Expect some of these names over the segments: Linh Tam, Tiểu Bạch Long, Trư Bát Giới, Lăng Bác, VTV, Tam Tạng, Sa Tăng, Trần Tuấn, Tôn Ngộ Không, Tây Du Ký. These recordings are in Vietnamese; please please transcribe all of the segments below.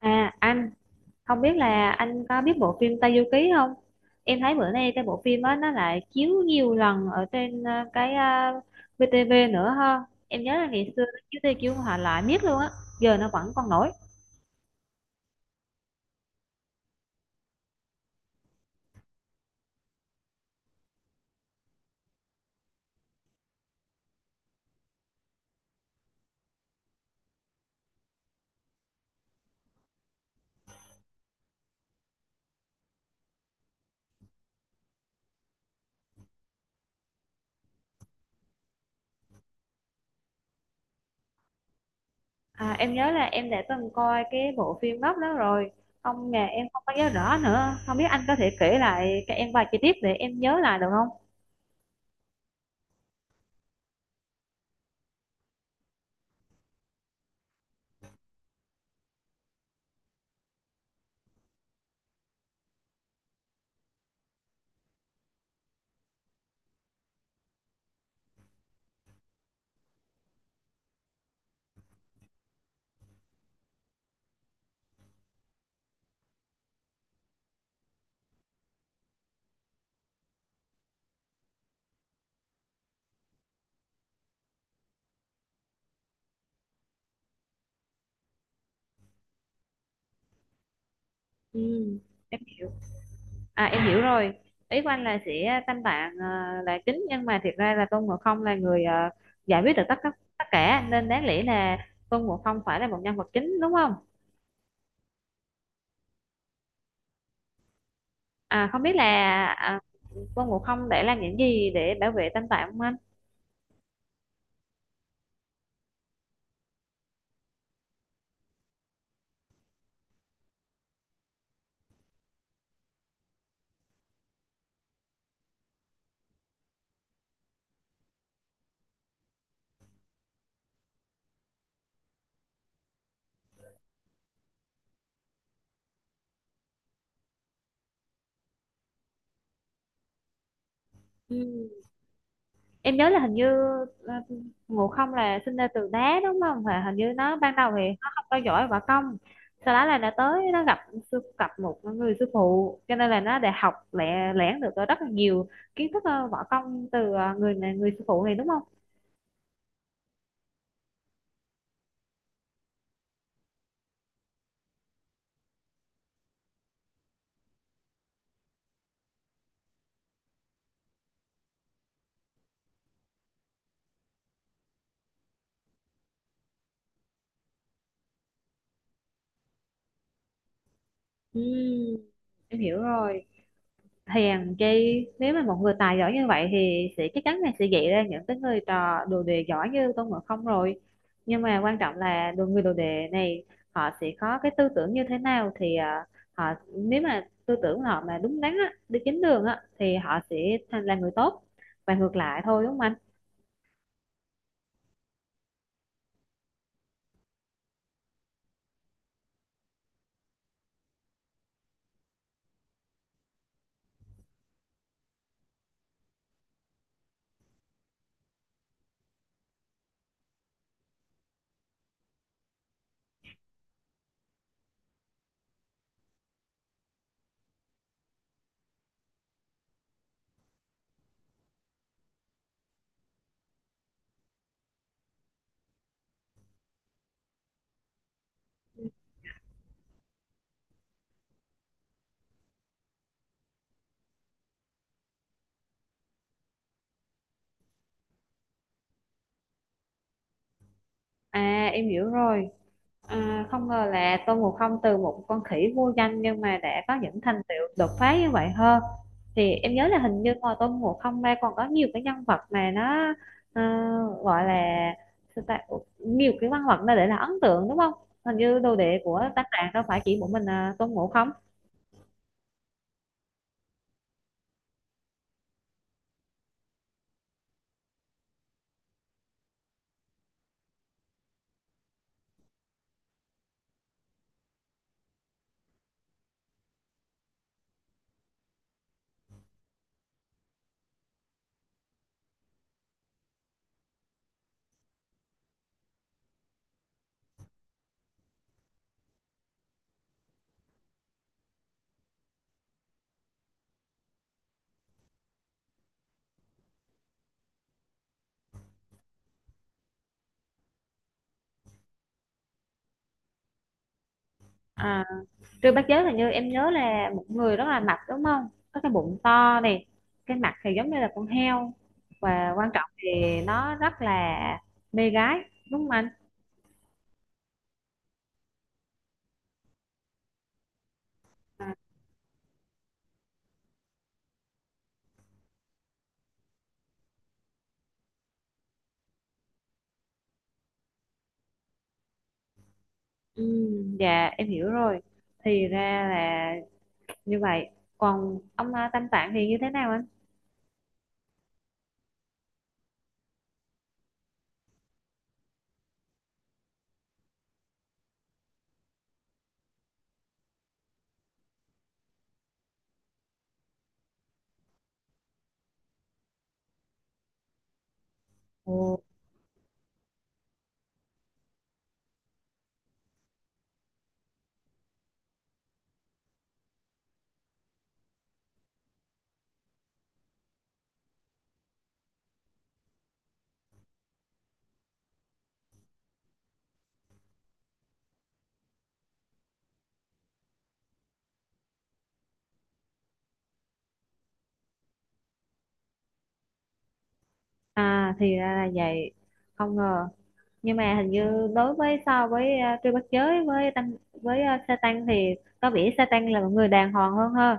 À anh không biết là anh có biết bộ phim Tây Du Ký không? Em thấy bữa nay cái bộ phim đó nó lại chiếu nhiều lần ở trên VTV nữa ha. Em nhớ là ngày xưa nó chiếu Tây chiếu họ lại miết luôn á, giờ nó vẫn còn nổi. À, em nhớ là em đã từng coi cái bộ phim gốc đó rồi. Không mà em không có nhớ rõ nữa. Không biết anh có thể kể lại cho em vài chi tiết để em nhớ lại được không? Ừ, em hiểu. À em hiểu rồi. Ý của anh là sẽ tam tạng là chính nhưng mà thiệt ra là Tôn Ngộ Không là người giải quyết được tất tất tất cả nên đáng lẽ là Tôn Ngộ Không phải là một nhân vật chính đúng không? À không biết là à, Tôn Ngộ Không đã làm những gì để bảo vệ tam tạng không anh? Ừ, em nhớ là hình như ờ, Ngộ Không là sinh ra từ đá đúng không và hình như nó ban đầu thì nó không có giỏi võ công sau đó là nó tới nó gặp sư gặp một người sư phụ cho nên là nó đã học lẻ lẻn được rất là nhiều kiến thức võ công từ người này người sư phụ này đúng không? Ừ, em hiểu rồi. Hèn chi nếu mà một người tài giỏi như vậy thì sẽ chắc chắn là sẽ dạy ra những cái người trò đồ đệ giỏi như Tôn Ngộ Không rồi, nhưng mà quan trọng là đồ người đồ đệ này họ sẽ có cái tư tưởng như thế nào thì họ, nếu mà tư tưởng họ mà đúng đắn á, đi chính đường á thì họ sẽ thành là người tốt và ngược lại thôi đúng không anh? À em hiểu rồi. À, không ngờ là Tôn Ngộ Không từ một con khỉ vô danh nhưng mà đã có những thành tựu đột phá như vậy hơn, thì em nhớ là hình như ngoài Tôn Ngộ Không ra còn có nhiều cái nhân vật mà nó ờ, gọi là sao ta? Ủa, nhiều cái nhân vật nó để là ấn tượng đúng không, hình như đồ đệ của tác giả đâu phải chỉ một mình Tôn Ngộ Không. à, Trư Bát Giới hình như em nhớ là một người rất là mập đúng không, có cái bụng to này, cái mặt thì giống như là con heo, và quan trọng thì nó rất là mê gái đúng không anh? À, dạ em hiểu rồi. Thì ra là như vậy. Còn ông Tam Tạng thì như thế nào anh? Ồ. À thì ra là vậy. Không ngờ. Nhưng mà hình như đối với so với Trư Bát Giới với tăng với Sa Tăng thì có vẻ Sa Tăng là một người đàng hoàng hơn ha.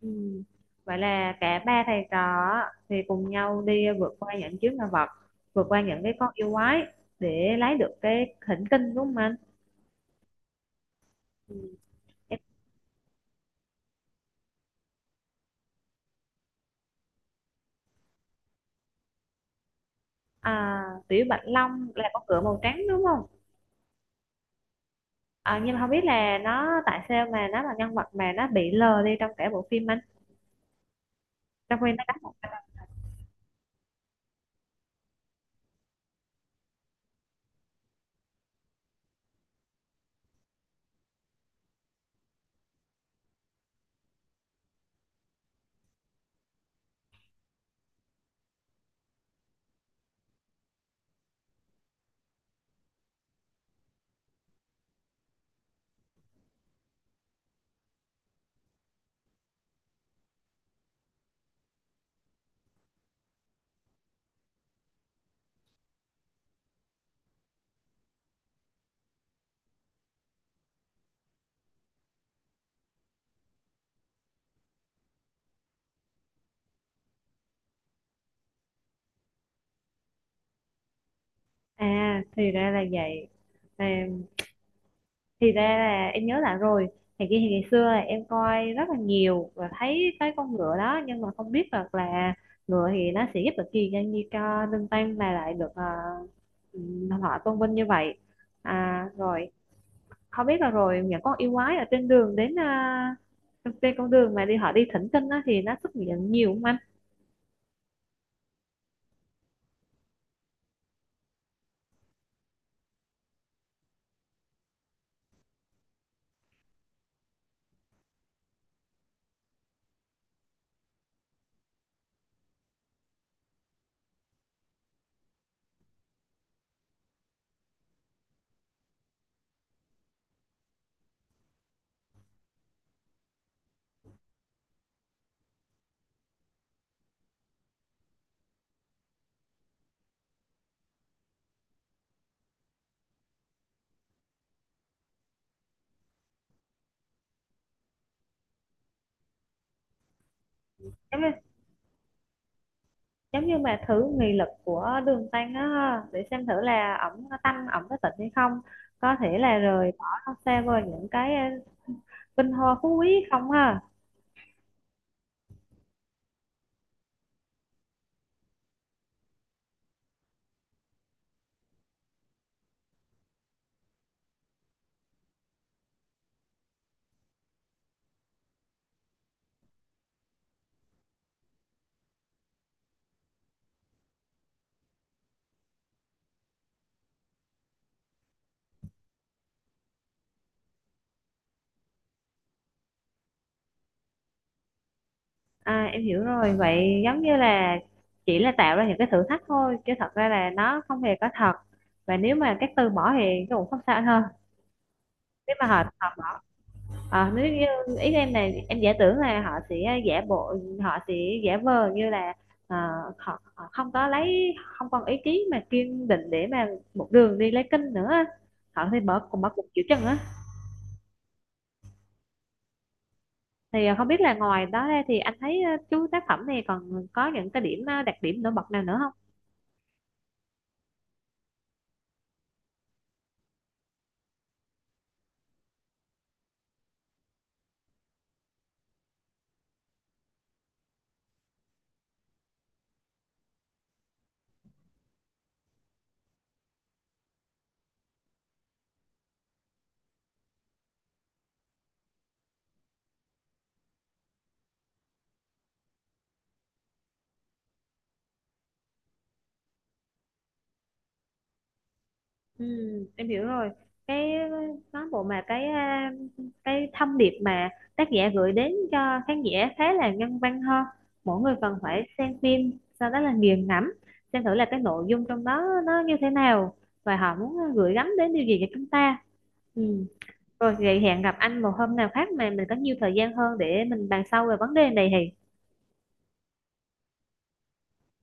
Ừm, Vậy là cả ba thầy trò á, thì cùng nhau đi vượt qua những chướng ngại vật, vượt qua những cái con yêu quái để lấy được cái thỉnh kinh đúng không anh? Ừm. À, Tiểu Bạch Long là con ngựa màu trắng đúng không? À, nhưng mà không biết là nó tại sao mà nó là nhân vật mà nó bị lờ đi trong cả bộ phim anh. Trong khi nó đóng một vai- À, thì ra là vậy. À, thì ra là em nhớ lại rồi. Thì kia thì ngày xưa là em coi rất là nhiều và thấy cái con ngựa đó nhưng mà không biết được là ngựa thì nó sẽ giúp được gì cho như cho Linh Tam mà lại được ừ, họ tôn vinh như vậy. À, rồi không biết là rồi những con yêu quái ở trên đường đến trên con đường mà đi họ đi thỉnh kinh á, thì nó xuất hiện nhiều không anh? giống như, giống như mà thử nghị lực của đường tăng á, để xem thử là ổng có tăng ổng có tịnh hay không, có thể là rời bỏ xa vời những cái vinh hoa phú quý không ha? À, em hiểu rồi, vậy giống như là chỉ là tạo ra những cái thử thách thôi chứ thật ra là nó không hề có thật, và nếu mà các từ bỏ thì cũng không sao anh ha. Nếu mà họ họ Ờ, nếu như ý em là em giả tưởng là họ sẽ giả bộ, họ sẽ giả vờ như là ờ, họ không có lấy không còn ý chí mà kiên định để mà một đường đi lấy kinh nữa, họ thì bỏ cùng bỏ cuộc chịu chân á. Thì không biết là ngoài đó ra thì anh thấy chú tác phẩm này còn có những cái điểm đặc điểm nổi bật nào nữa? Ừ, em hiểu rồi. Cái cán bộ mà cái cái thông điệp mà tác giả gửi đến cho khán giả khá là nhân văn hơn. Mỗi người cần phải xem phim, sau đó là nghiền ngẫm, xem thử là cái nội dung trong đó nó như thế nào và họ muốn gửi gắm đến điều gì cho chúng ta. Ừ. Rồi vậy hẹn gặp anh một hôm nào khác mà mình có nhiều thời gian hơn để mình bàn sâu về vấn đề này thì